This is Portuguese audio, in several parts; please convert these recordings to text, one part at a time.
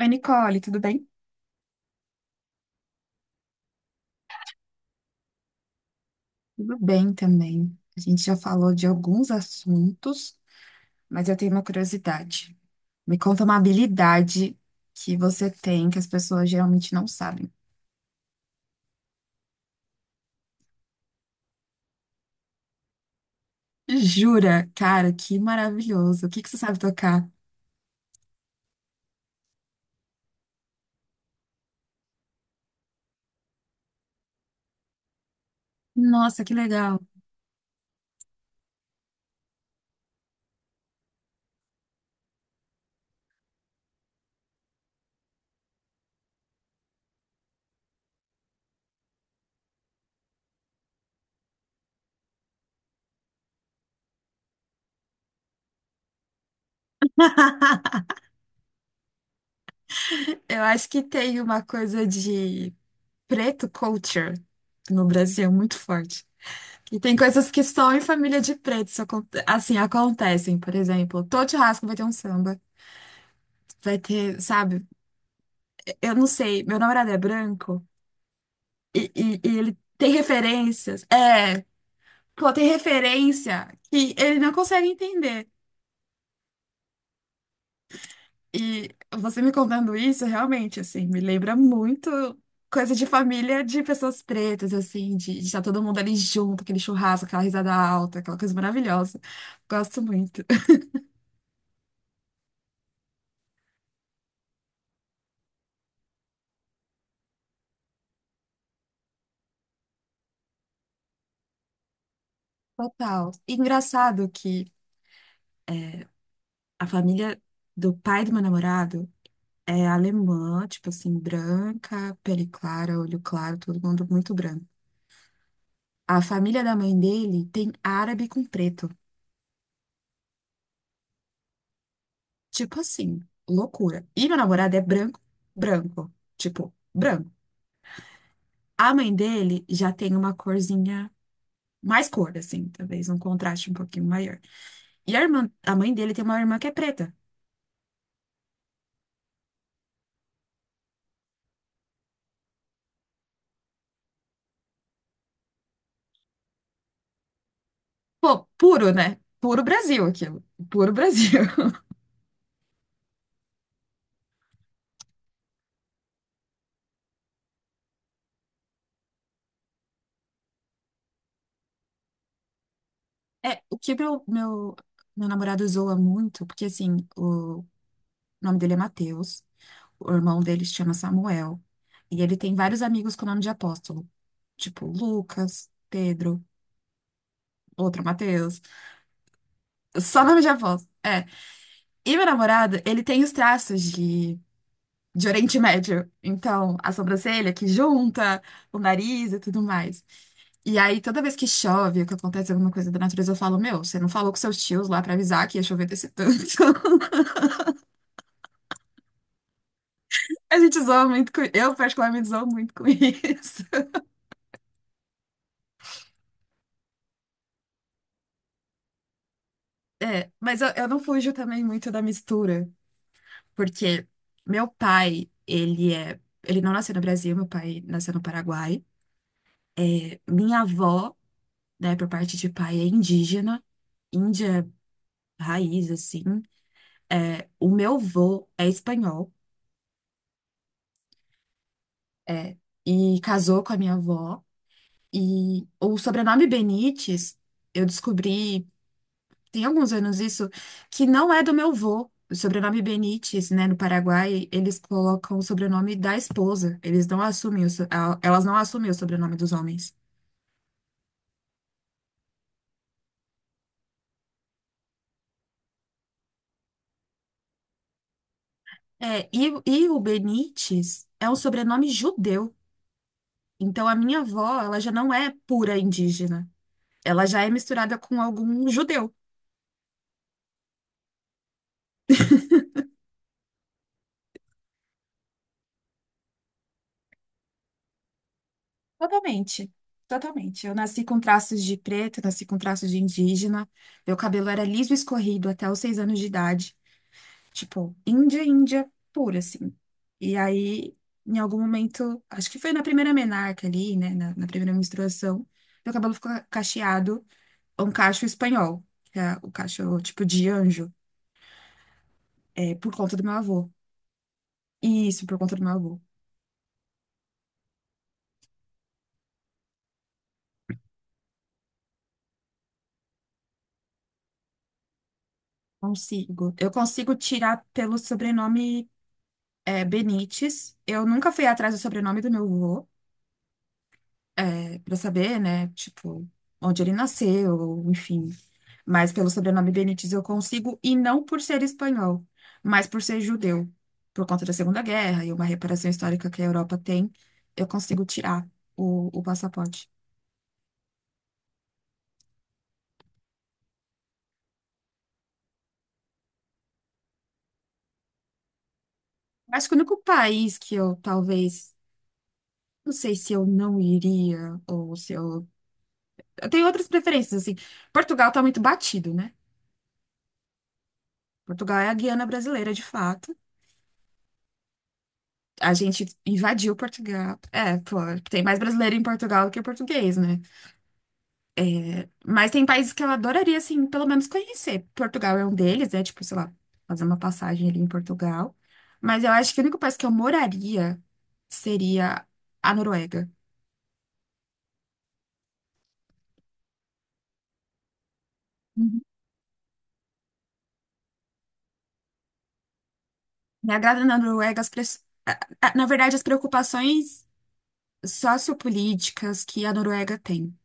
Oi, Nicole, tudo bem? Tudo bem também. A gente já falou de alguns assuntos, mas eu tenho uma curiosidade. Me conta uma habilidade que você tem que as pessoas geralmente não sabem. Jura? Cara, que maravilhoso. O que que você sabe tocar? Nossa, que legal. Eu acho que tem uma coisa de preto culture no Brasil muito forte. E tem coisas que só em família de preto isso assim acontecem. Por exemplo, todo churrasco vai ter um samba. Vai ter, sabe? Eu não sei, meu namorado é branco e ele tem referências. É, pô, tem referência que ele não consegue entender. E você me contando isso, realmente, assim, me lembra muito coisa de família de pessoas pretas, assim, de estar todo mundo ali junto, aquele churrasco, aquela risada alta, aquela coisa maravilhosa. Gosto muito. Total. Engraçado que a família do pai do meu namorado. É alemã, tipo assim, branca, pele clara, olho claro, todo mundo muito branco. A família da mãe dele tem árabe com preto. Tipo assim, loucura. E meu namorado é branco, branco. Tipo, branco. A mãe dele já tem uma corzinha, mais cor, assim, talvez um contraste um pouquinho maior. E a irmã, a mãe dele tem uma irmã que é preta. Pô, puro, né? Puro Brasil aquilo. Puro Brasil. É, o que meu namorado zoa muito, porque assim. O nome dele é Mateus. O irmão dele se chama Samuel. E ele tem vários amigos com nome de apóstolo. Tipo Lucas, Pedro, outro Mateus. Só nome de apóstolo. É. E meu namorado, ele tem os traços de Oriente Médio. Então, a sobrancelha que junta, o nariz e tudo mais. E aí, toda vez que chove, ou que acontece alguma coisa da natureza, eu falo, meu, você não falou com seus tios lá pra avisar que ia chover desse tanto. A gente zoa muito com. Eu, particularmente, zoo muito com isso. É, mas eu não fujo também muito da mistura, porque meu pai, ele não nasceu no Brasil, meu pai nasceu no Paraguai. Minha avó, né, por parte de pai, é indígena, índia raiz, assim. É, o meu avô é espanhol, é, e casou com a minha avó. E o sobrenome Benites, eu descobri tem alguns anos isso, que não é do meu vô. O sobrenome Benites, né, no Paraguai, eles colocam o sobrenome da esposa. Eles não assumem o so- a- Elas não assumem o sobrenome dos homens. É, e o Benites é um sobrenome judeu. Então a minha avó, ela já não é pura indígena. Ela já é misturada com algum judeu. Totalmente. Totalmente. Eu nasci com traços de preto, nasci com traços de indígena. Meu cabelo era liso e escorrido até os 6 anos de idade. Tipo, Índia, Índia pura, assim. E aí, em algum momento, acho que foi na primeira menarca ali, né? Na primeira menstruação, meu cabelo ficou cacheado, um cacho espanhol, que é o cacho tipo de anjo, por conta do meu avô. Isso, por conta do meu avô. Consigo. Eu consigo tirar pelo sobrenome, Benites. Eu nunca fui atrás do sobrenome do meu avô, pra saber, né? Tipo, onde ele nasceu, enfim. Mas pelo sobrenome Benítez eu consigo, e não por ser espanhol, mas por ser judeu. Por conta da Segunda Guerra e uma reparação histórica que a Europa tem, eu consigo tirar o passaporte. Acho que o único país que eu talvez. Não sei se eu não iria, ou se eu. Eu tenho outras preferências, assim. Portugal tá muito batido, né? Portugal é a Guiana brasileira, de fato. A gente invadiu Portugal. É, pô, tem mais brasileiro em Portugal do que português, né? Mas tem países que eu adoraria, assim, pelo menos conhecer. Portugal é um deles, é tipo, sei lá, fazer uma passagem ali em Portugal. Mas eu acho que o único país que eu moraria seria a Noruega. Uhum. Me agrada na Noruega as pres- a- na verdade, as preocupações sociopolíticas que a Noruega tem.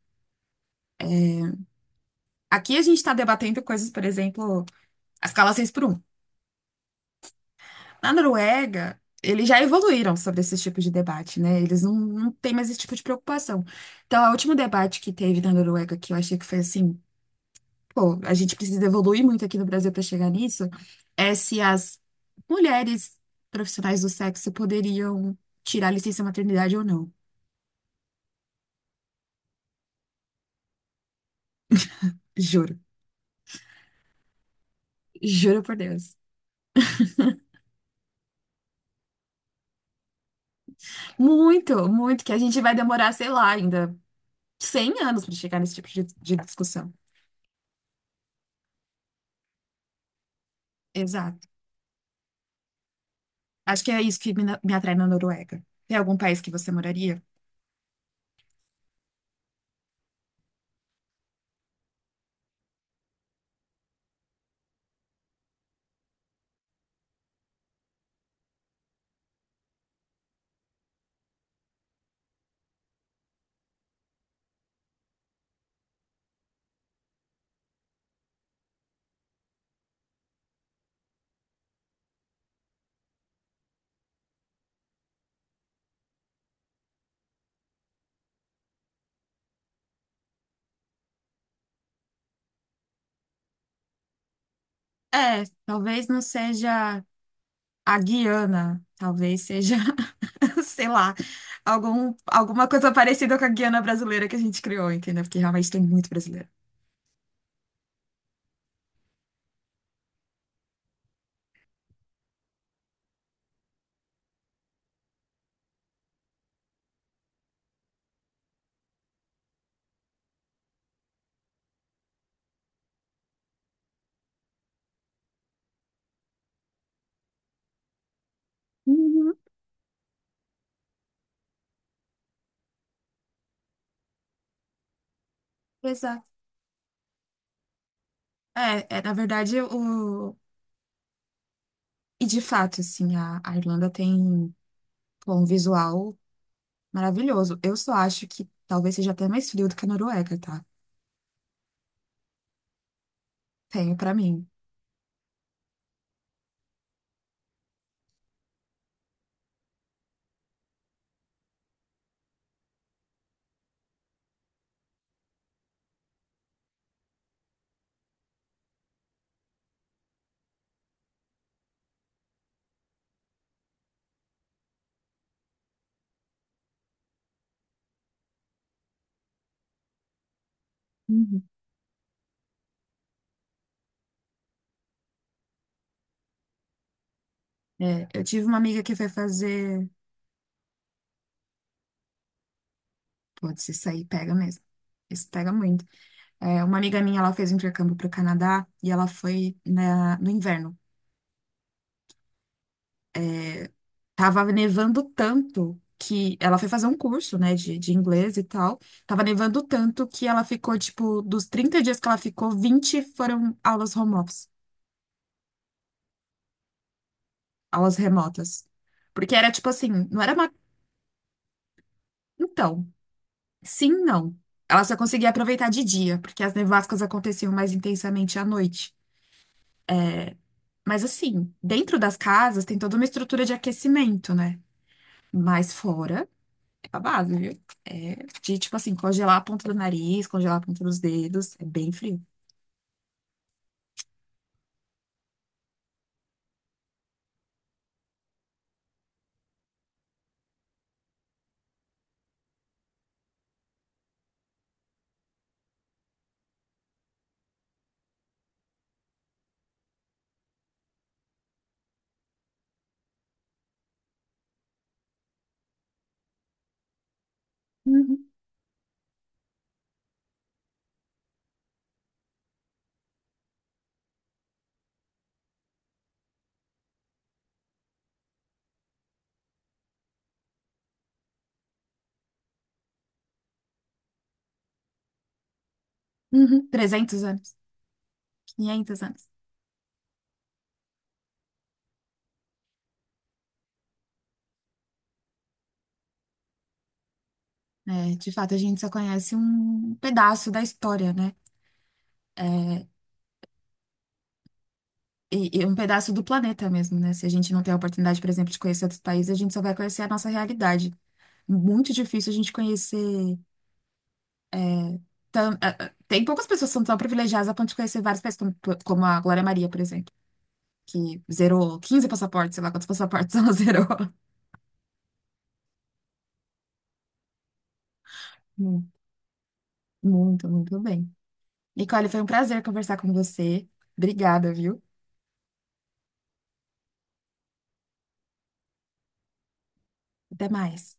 Aqui a gente está debatendo coisas, por exemplo, as escala seis por um. Na Noruega, eles já evoluíram sobre esse tipo de debate, né? Eles não têm mais esse tipo de preocupação. Então, o último debate que teve na Noruega, que eu achei que foi assim, pô, a gente precisa evoluir muito aqui no Brasil para chegar nisso, é se as mulheres profissionais do sexo poderiam tirar licença maternidade ou não. Juro. Juro por Deus. Muito, muito, que a gente vai demorar, sei lá, ainda. 100 anos para chegar nesse tipo de discussão. Exato. Acho que é isso que me atrai na Noruega. Tem algum país que você moraria? É, talvez não seja a Guiana, talvez seja, sei lá, alguma coisa parecida com a Guiana brasileira que a gente criou, entendeu? Porque realmente tem muito brasileiro. Uhum, exato. É, na verdade, o. E de fato, assim, a Irlanda tem pô, um visual maravilhoso. Eu só acho que talvez seja até mais frio do que a Noruega, tá? Tenho pra mim. Uhum. É, eu tive uma amiga que foi fazer. Putz, isso aí pega mesmo. Isso pega muito. É, uma amiga minha, ela fez um intercâmbio para o Canadá e ela foi no inverno. É, tava nevando tanto que ela foi fazer um curso, né, de inglês e tal. Tava nevando tanto que ela ficou, tipo, dos 30 dias que ela ficou, 20 foram aulas home office, aulas remotas. Porque era tipo assim, não era uma. Então. Sim, não. Ela só conseguia aproveitar de dia, porque as nevascas aconteciam mais intensamente à noite. Mas assim, dentro das casas tem toda uma estrutura de aquecimento, né? Mas fora, é babado, viu? É de, tipo assim, congelar a ponta do nariz, congelar a ponta dos dedos. É bem frio. Uhum, uhum. 300 anos, 500 anos. É, de fato, a gente só conhece um pedaço da história, né? E um pedaço do planeta mesmo, né? Se a gente não tem a oportunidade, por exemplo, de conhecer outros países, a gente só vai conhecer a nossa realidade. Muito difícil a gente conhecer. Tão, tem poucas pessoas que são tão privilegiadas a ponto de conhecer vários países, como a Glória Maria, por exemplo, que zerou 15 passaportes, sei lá quantos passaportes ela zerou. Hum. Muito, muito bem. Nicole, foi um prazer conversar com você. Obrigada, viu? Até mais.